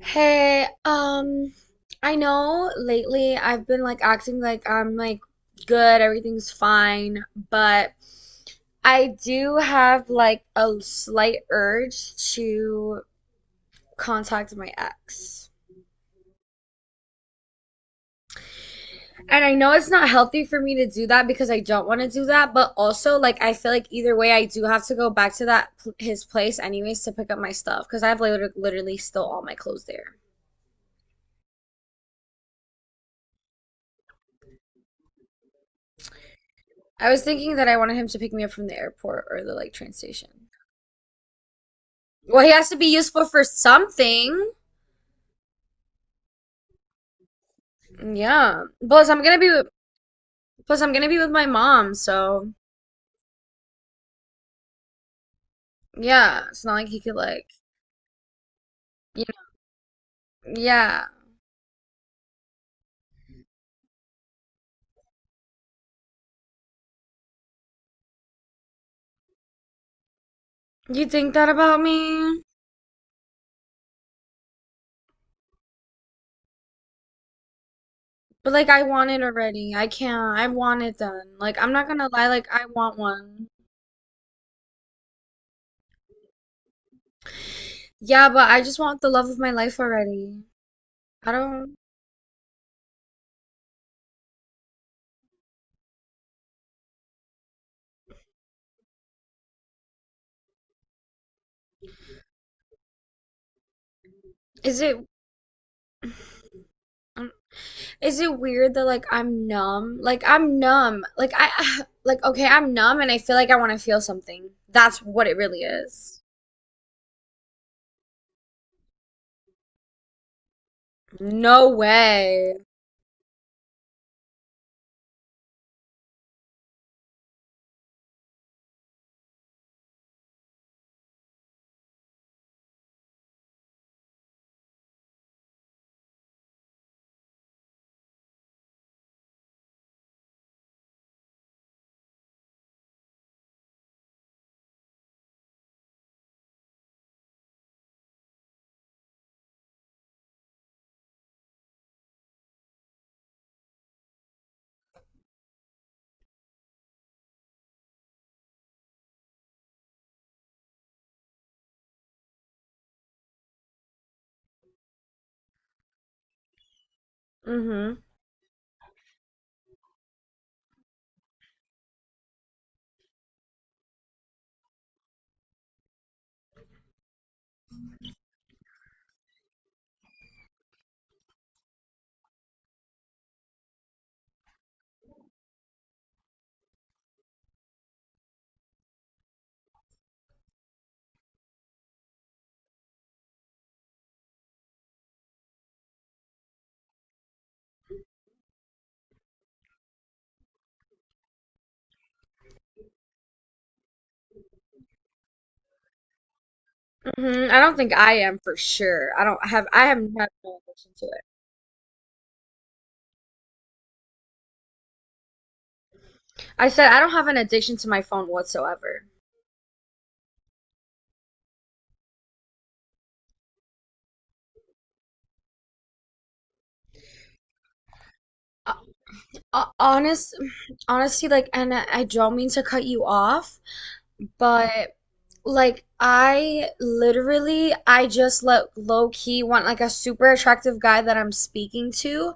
Hey, I know lately I've been like acting like I'm like good, everything's fine, but I do have like a slight urge to contact my ex. And I know it's not healthy for me to do that because I don't want to do that, but also like I feel like either way I do have to go back to his place anyways to pick up my stuff because I have literally still all my clothes there. I was thinking that I wanted him to pick me up from the airport or the like train station. Well, he has to be useful for something. Yeah. Plus, I'm gonna be plus I'm gonna be with my mom, so yeah. It's not like he could like you know, yeah. You think that about me? But like I want it already. I can't. I want it done. Like I'm not gonna lie, like I want one. Yeah, but I just want the love of my life already. I don't is it? Is it weird that like I'm numb? Like I'm numb. Like I like okay, I'm numb and I feel like I want to feel something. That's what it really is. No way. hmm I don't think I am for sure. I have had no addiction to it. I said I don't have an addiction to my phone whatsoever. Uh, uh, honest, honestly, like, and I don't mean to cut you off, but like I just let low key want like a super attractive guy that I'm speaking to,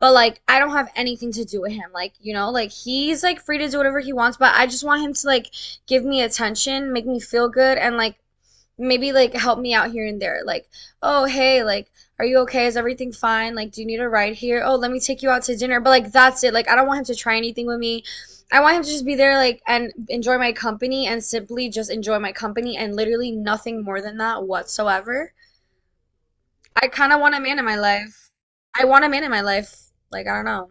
but like I don't have anything to do with him. Like, you know, like he's like free to do whatever he wants, but I just want him to like give me attention, make me feel good and like maybe like help me out here and there. Like, oh, hey, like, are you okay? Is everything fine? Like, do you need a ride here? Oh, let me take you out to dinner. But like, that's it. Like, I don't want him to try anything with me. I want him to just be there, like, and enjoy my company and simply just enjoy my company and literally nothing more than that whatsoever. I kind of want a man in my life. I want a man in my life. Like, I don't know.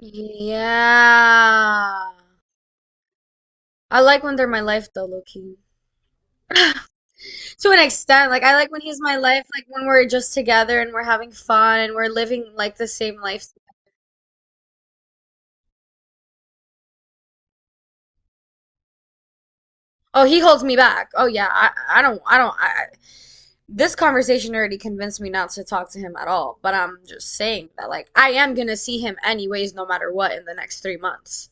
Yeah. I like when they're my life though, low key. To an extent. Like I like when he's my life, like when we're just together and we're having fun and we're living like the same life. Oh, he holds me back. Oh yeah, I don't I don't I- this conversation already convinced me not to talk to him at all, but I'm just saying that like I am gonna see him anyways no matter what in the next three months.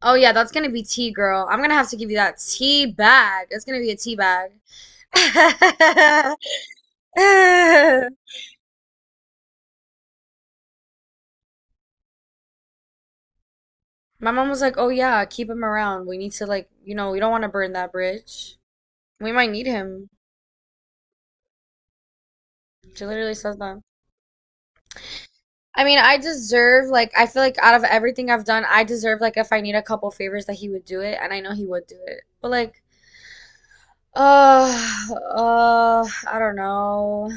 Oh yeah, that's gonna be tea, girl. I'm gonna have to give you that tea bag. It's gonna be a tea bag. My mom was like, "Oh yeah, keep him around. We need to like, you know, we don't want to burn that bridge." We might need him. She literally says that. I mean, I deserve, like, I feel like out of everything I've done, I deserve, like, if I need a couple favors, that he would do it, and I know he would do it. But, like, uh, I don't know.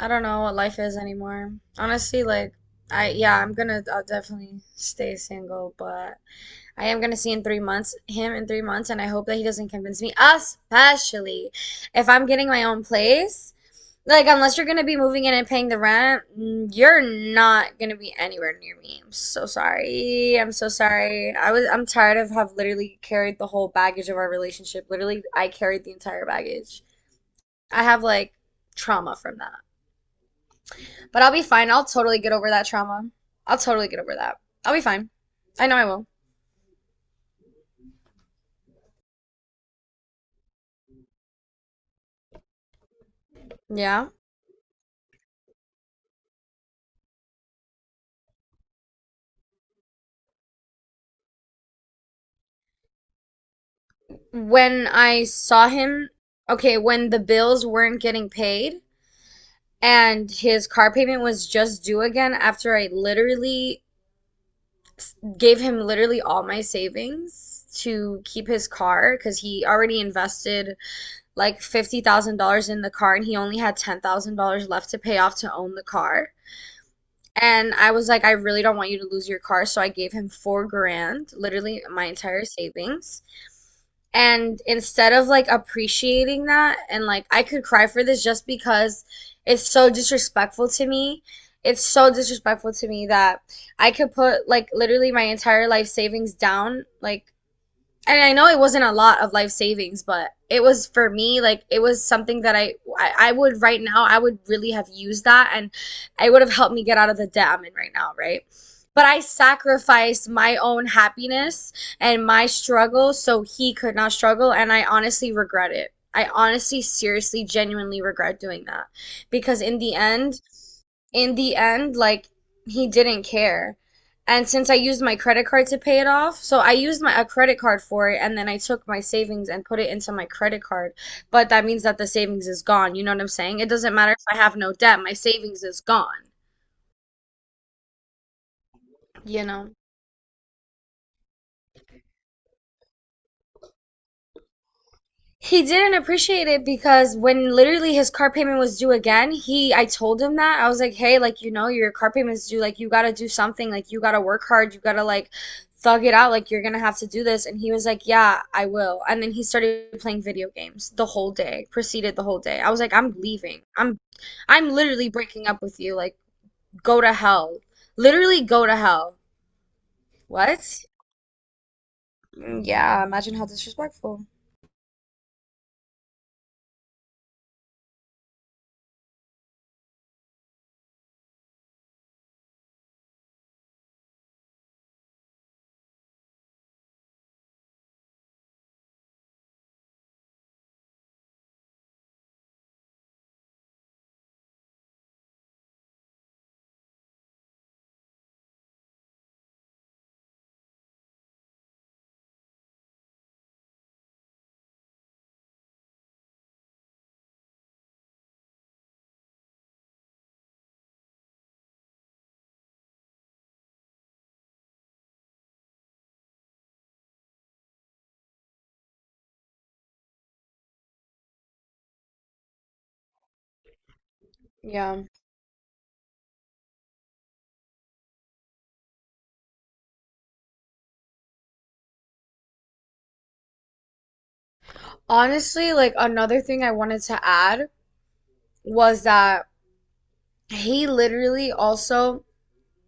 I don't know what life is anymore. Honestly, like, yeah, I'll definitely stay single, but I am gonna see in three months, him in three months, and I hope that he doesn't convince me, especially if I'm getting my own place. Like, unless you're gonna be moving in and paying the rent, mm, you're not gonna be anywhere near me. I'm so sorry. I'm so sorry. I'm tired of have literally carried the whole baggage of our relationship. Literally, I carried the entire baggage. I have like trauma from that. But I'll be fine. I'll totally get over that trauma. I'll totally get over that. I'll be fine. I know I will. Yeah. When I saw him, okay, when the bills weren't getting paid, and his car payment was just due again after I literally gave him literally all my savings to keep his car because he already invested like $50,000 in the car and he only had $10,000 left to pay off to own the car. And I was like, I really don't want you to lose your car. So I gave him 4 grand, literally my entire savings. And instead of like appreciating that, and like I could cry for this just because it's so disrespectful to me. It's so disrespectful to me that I could put like literally my entire life savings down, like and I know it wasn't a lot of life savings, but it was for me like it was something that I would right now I would really have used that and it would have helped me get out of the debt I'm in right now, right? But I sacrificed my own happiness and my struggle so he could not struggle, and I honestly regret it. I honestly, seriously, genuinely regret doing that because in the end, like he didn't care. And since I used my credit card to pay it off, so I used my a credit card for it, and then I took my savings and put it into my credit card. But that means that the savings is gone. You know what I'm saying? It doesn't matter if I have no debt, my savings is gone, you know? He didn't appreciate it because when literally his car payment was due again, he I told him that. I was like, "Hey, like you know, your car payment's due. Like you got to do something. Like you got to work hard. You got to like thug it out. Like you're going to have to do this." And he was like, "Yeah, I will." And then he started playing video games the whole day. Proceeded the whole day. I was like, "I'm leaving. I'm literally breaking up with you. Like go to hell. Literally go to hell." What? Yeah, imagine how disrespectful. Yeah. Honestly, like another thing I wanted to add was that he literally also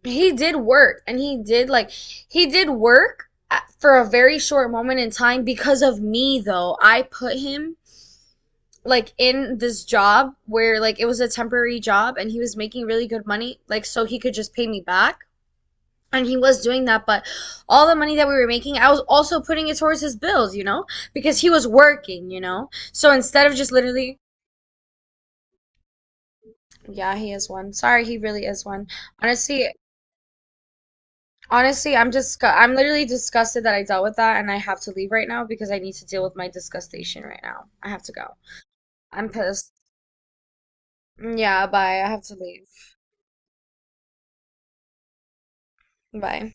he did work and he did work for a very short moment in time because of me though. I put him like in this job where like it was a temporary job and he was making really good money like so he could just pay me back. And he was doing that, but all the money that we were making, I was also putting it towards his bills, you know, because he was working, you know. So instead of just literally, yeah, he is one. Sorry, he really is one. Honestly, Honestly, I'm literally disgusted that I dealt with that and I have to leave right now because I need to deal with my disgustation right now. I have to go. I'm pissed. Mm, yeah, bye. I have to leave. Bye.